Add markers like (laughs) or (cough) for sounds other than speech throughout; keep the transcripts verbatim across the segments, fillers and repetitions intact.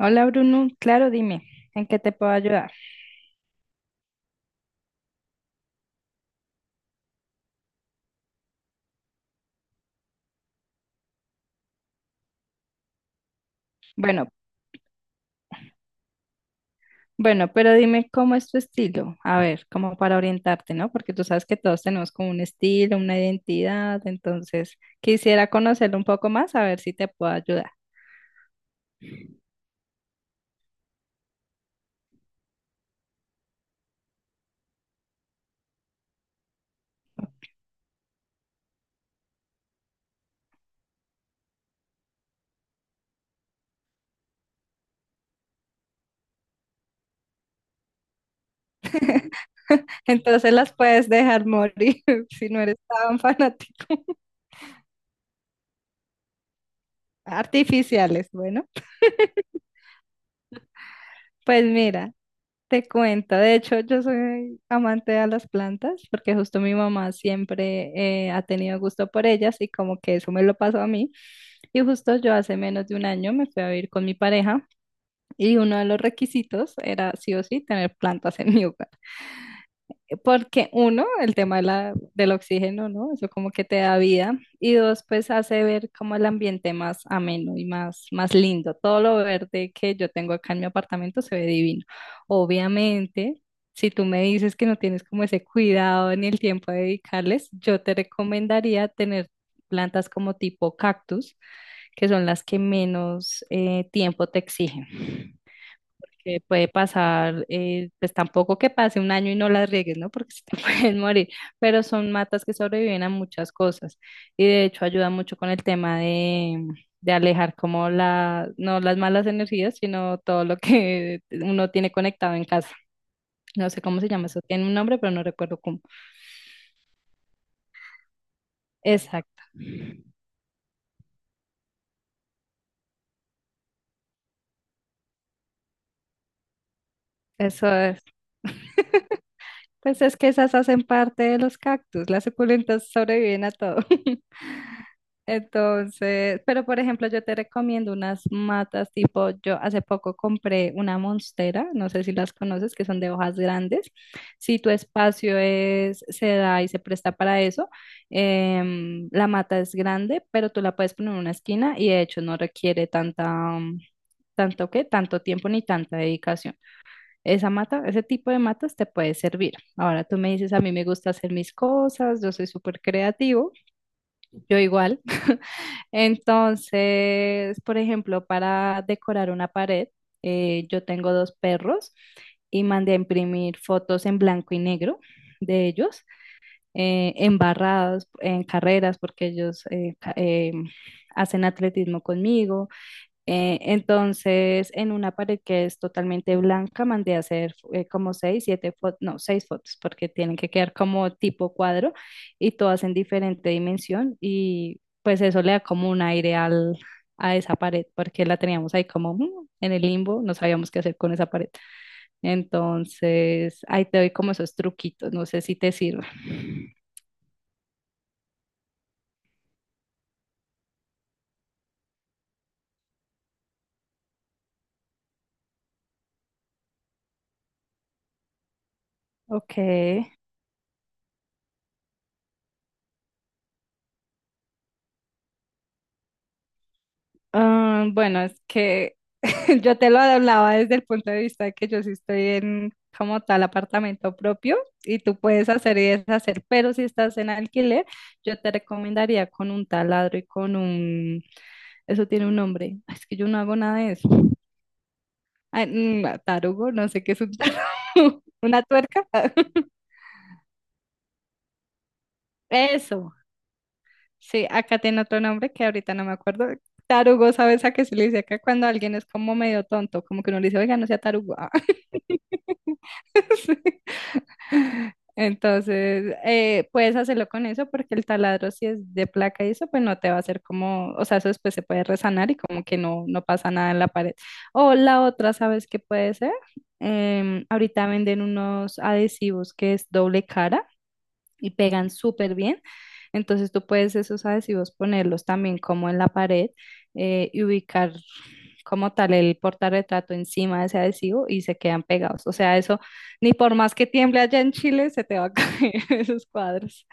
Hola Bruno, claro, dime, ¿en qué te puedo ayudar? Bueno, bueno, pero dime cómo es tu estilo, a ver, como para orientarte, ¿no? Porque tú sabes que todos tenemos como un estilo, una identidad, entonces quisiera conocerlo un poco más, a ver si te puedo ayudar. (laughs) Entonces las puedes dejar morir (laughs) si no eres tan (laughs) fanático. Artificiales, bueno. Pues mira, Te cuento, de hecho yo soy amante a las plantas porque justo mi mamá siempre eh, ha tenido gusto por ellas y como que eso me lo pasó a mí. Y justo yo hace menos de un año me fui a vivir con mi pareja y uno de los requisitos era sí o sí tener plantas en mi hogar. Porque uno, el tema de la, del oxígeno, ¿no? Eso como que te da vida. Y dos, pues hace ver como el ambiente más ameno y más, más lindo. Todo lo verde que yo tengo acá en mi apartamento se ve divino. Obviamente, si tú me dices que no tienes como ese cuidado ni el tiempo de dedicarles, yo te recomendaría tener plantas como tipo cactus, que son las que menos eh, tiempo te exigen que puede pasar, eh, pues tampoco que pase un año y no las riegues, ¿no? Porque se te (laughs) pueden morir, pero son matas que sobreviven a muchas cosas y de hecho ayuda mucho con el tema de, de alejar como la, no las malas energías, sino todo lo que uno tiene conectado en casa. No sé cómo se llama eso, tiene un nombre, pero no recuerdo cómo. Exacto. Eso es. Pues es que esas hacen parte de los cactus, las suculentas sobreviven a todo. (laughs) Entonces, pero por ejemplo, yo te recomiendo unas matas tipo, yo hace poco compré una monstera, no sé si las conoces, que son de hojas grandes. Si tu espacio es, se da y se presta para eso, em, la mata es grande, pero tú la puedes poner en una esquina y de hecho no requiere tanta, mm, tanto que, tanto tiempo ni tanta dedicación. Esa mata, ese tipo de matas te puede servir. Ahora tú me dices, a mí me gusta hacer mis cosas, yo soy súper creativo, yo igual. Entonces, por ejemplo, para decorar una pared, eh, yo tengo dos perros y mandé a imprimir fotos en blanco y negro de ellos, eh, embarrados en carreras, porque ellos eh, ca- eh, hacen atletismo conmigo, eh, entonces, en una pared que es totalmente blanca, mandé a hacer eh, como seis, siete fotos, no, seis fotos, porque tienen que quedar como tipo cuadro y todas en diferente dimensión y pues eso le da como un aire al, a esa pared, porque la teníamos ahí como mm, en el limbo, no sabíamos qué hacer con esa pared. Entonces, ahí te doy como esos truquitos, no sé si te sirve. Ok. Ah, bueno, es que (laughs) yo te lo hablaba desde el punto de vista de que yo sí estoy en como tal apartamento propio y tú puedes hacer y deshacer, pero si estás en alquiler, yo te recomendaría con un taladro y con un... Eso tiene un nombre. Ay, Es que yo no hago nada de eso. Ay, mm, tarugo, no sé qué es un tarugo. (laughs) ¿Una tuerca? (laughs) Eso. Sí, acá tiene otro nombre que ahorita no me acuerdo. Tarugo, ¿sabes a qué se le dice acá cuando alguien es como medio tonto? Como que uno le dice, oiga, no sea tarugo. Ah. (laughs) Sí. Entonces, eh, puedes hacerlo con eso porque el taladro, si es de placa y eso, pues no te va a hacer como, o sea, eso después se puede resanar y como que no, no pasa nada en la pared. O la otra, ¿sabes qué puede ser? Em, ahorita venden unos adhesivos que es doble cara y pegan súper bien. Entonces tú puedes esos adhesivos ponerlos también como en la pared eh, y ubicar como tal el portarretrato encima de ese adhesivo y se quedan pegados. O sea, eso ni por más que tiemble allá en Chile se te va a (laughs) caer esos cuadros.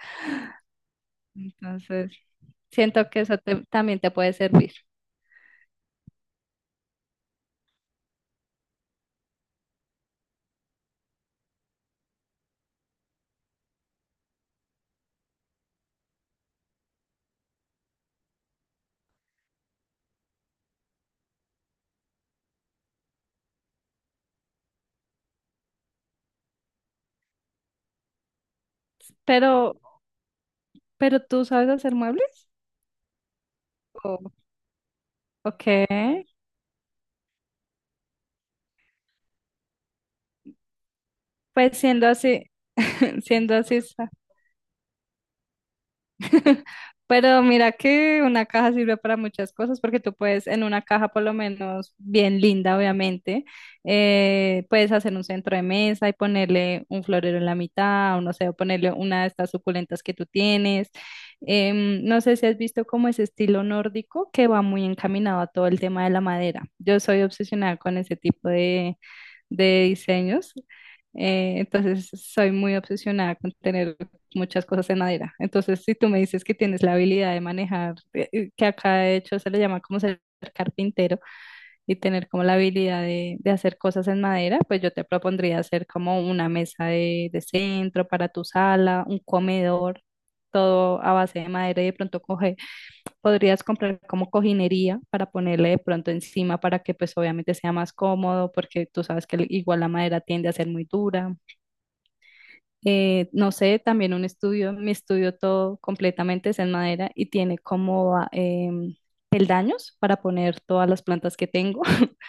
Entonces, siento que eso te- también te puede servir. Pero, pero ¿tú sabes hacer muebles? Oh, ok. Pues siendo así, (laughs) siendo así, pero mira que una caja sirve para muchas cosas porque tú puedes en una caja por lo menos bien linda, obviamente, eh, puedes hacer un centro de mesa y ponerle un florero en la mitad o no sé, o ponerle una de estas suculentas que tú tienes. Em, no sé si has visto como ese estilo nórdico que va muy encaminado a todo el tema de la madera. Yo soy obsesionada con ese tipo de diseños. Eh, entonces, soy muy obsesionada con tener muchas cosas en madera. Entonces, si tú me dices que tienes la habilidad de manejar, eh, eh, que acá de hecho se le llama como ser carpintero y tener como la habilidad de, de hacer cosas en madera, pues yo te propondría hacer como una mesa de, de centro para tu sala, un comedor, todo a base de madera y de pronto coger podrías comprar como cojinería para ponerle de pronto encima para que pues obviamente sea más cómodo porque tú sabes que igual la madera tiende a ser muy dura. Eh, no sé, también un estudio, mi estudio todo completamente es en madera y tiene como eh, peldaños para poner todas las plantas que tengo. (laughs)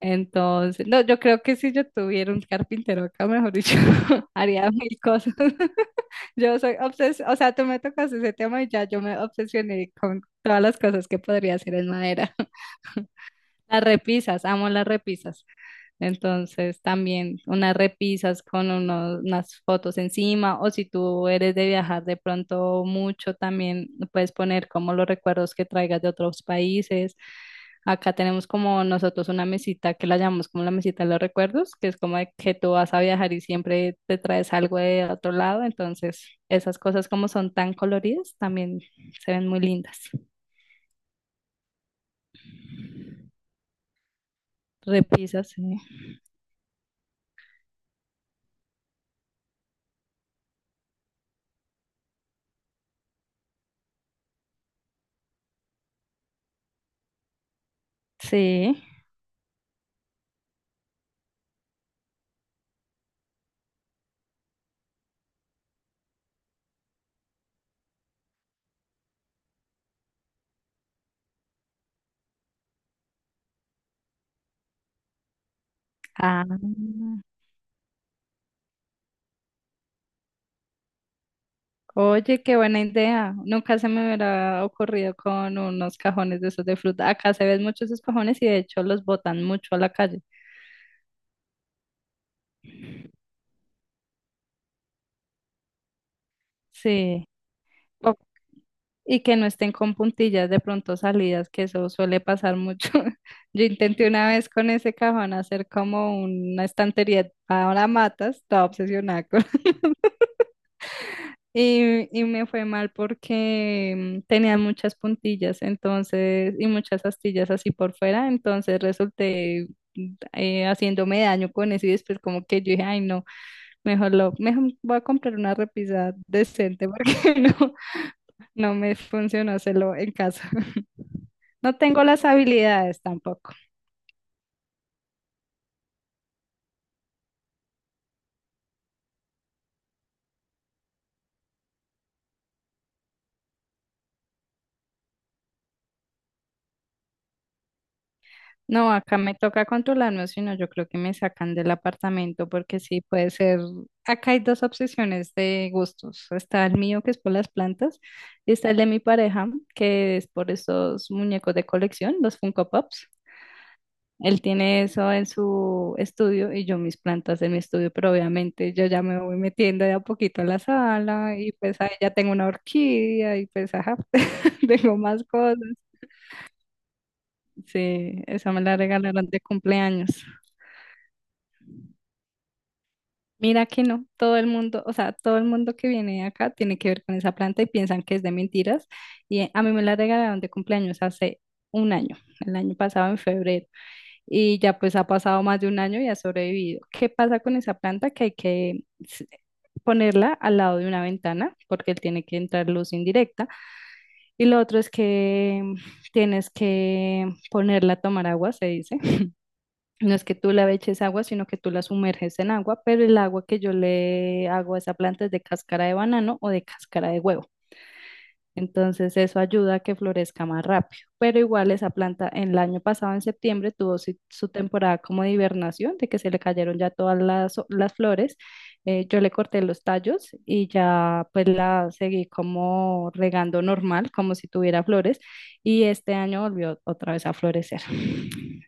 Entonces, no, yo creo que si yo tuviera un carpintero acá, mejor dicho, (laughs) haría mil cosas. (laughs) Yo soy obses, o sea, tú me tocas ese tema y ya yo me obsesioné con todas las cosas que podría hacer en madera. (laughs) Las repisas, amo las repisas. Entonces, también unas repisas con unos- unas fotos encima, o si tú eres de viajar de pronto mucho, también puedes poner como los recuerdos que traigas de otros países. Acá tenemos como nosotros una mesita que la llamamos como la mesita de los recuerdos, que es como de que tú vas a viajar y siempre te traes algo de otro lado, entonces esas cosas como son tan coloridas también se ven muy lindas. Repisas, sí. Sí. Ah, oye, qué buena idea. Nunca se me hubiera ocurrido con unos cajones de esos de fruta. Acá se ven muchos esos cajones y de hecho los botan mucho a la calle. Sí. y que no estén con puntillas de pronto salidas, que eso suele pasar mucho. (laughs) Yo intenté una vez con ese cajón hacer como una estantería para matas, estaba obsesionada con... (laughs) Y, y me fue mal porque mm, tenía muchas puntillas, entonces, y muchas astillas así por fuera, entonces resulté mm, eh, haciéndome daño con eso y después como que yo dije, ay no, mejor lo, mejor voy a comprar una repisa decente porque (laughs) no, no me funcionó hacerlo en casa. (laughs) No tengo las habilidades tampoco. No, acá me toca controlarme, si no, yo creo que me sacan del apartamento porque sí puede ser. Acá hay dos obsesiones de gustos. Está el mío, que es por las plantas, y está el de mi pareja, que es por esos muñecos de colección, los Funko Pops. Él tiene eso en su estudio y yo mis plantas en mi estudio, pero obviamente yo ya me voy metiendo de a poquito a la sala y pues ahí ya tengo una orquídea y pues ajá, (laughs) tengo más cosas. Sí, esa me la regalaron de cumpleaños. Mira que no, todo el mundo, o sea, todo el mundo que viene acá tiene que ver con esa planta y piensan que es de mentiras. Y a mí me la regalaron de cumpleaños hace un año, el año pasado en febrero. y ya pues ha pasado más de un año y ha sobrevivido. ¿Qué pasa con esa planta? Que hay que s- ponerla al lado de una ventana porque tiene que entrar luz indirecta. Y lo otro es que mm, tienes que ponerla a tomar agua, se dice. No es que tú la eches agua, sino que tú la sumerges en agua, pero el agua que yo le hago a esa planta es de cáscara de banano o de cáscara de huevo. Entonces eso ayuda a que florezca más rápido. Pero igual esa planta en el año pasado, en septiembre, tuvo su, su temporada como de hibernación, de que se le cayeron ya todas las, las flores. Eh, yo le corté los tallos y ya pues la seguí como regando normal, como si tuviera flores. Y este año volvió otra vez a florecer.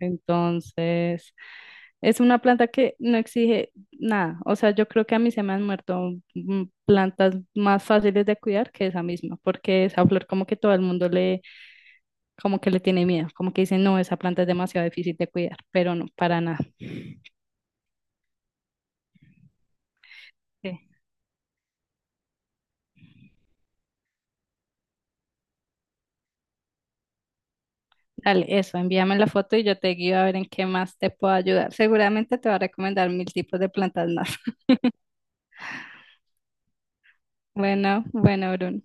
Entonces, es una planta que no exige nada. O sea, yo creo que a mí se me han muerto mm, plantas más fáciles de cuidar que esa misma, porque esa flor como que todo el mundo le, como que le tiene miedo, como que dice, no, esa planta es demasiado difícil de cuidar, pero no, para nada. Sí. Dale, eso, envíame la foto y yo te guío a ver en qué más te puedo ayudar. Seguramente te va a recomendar mil tipos de plantas más. (laughs) Bueno, bueno, Bruno.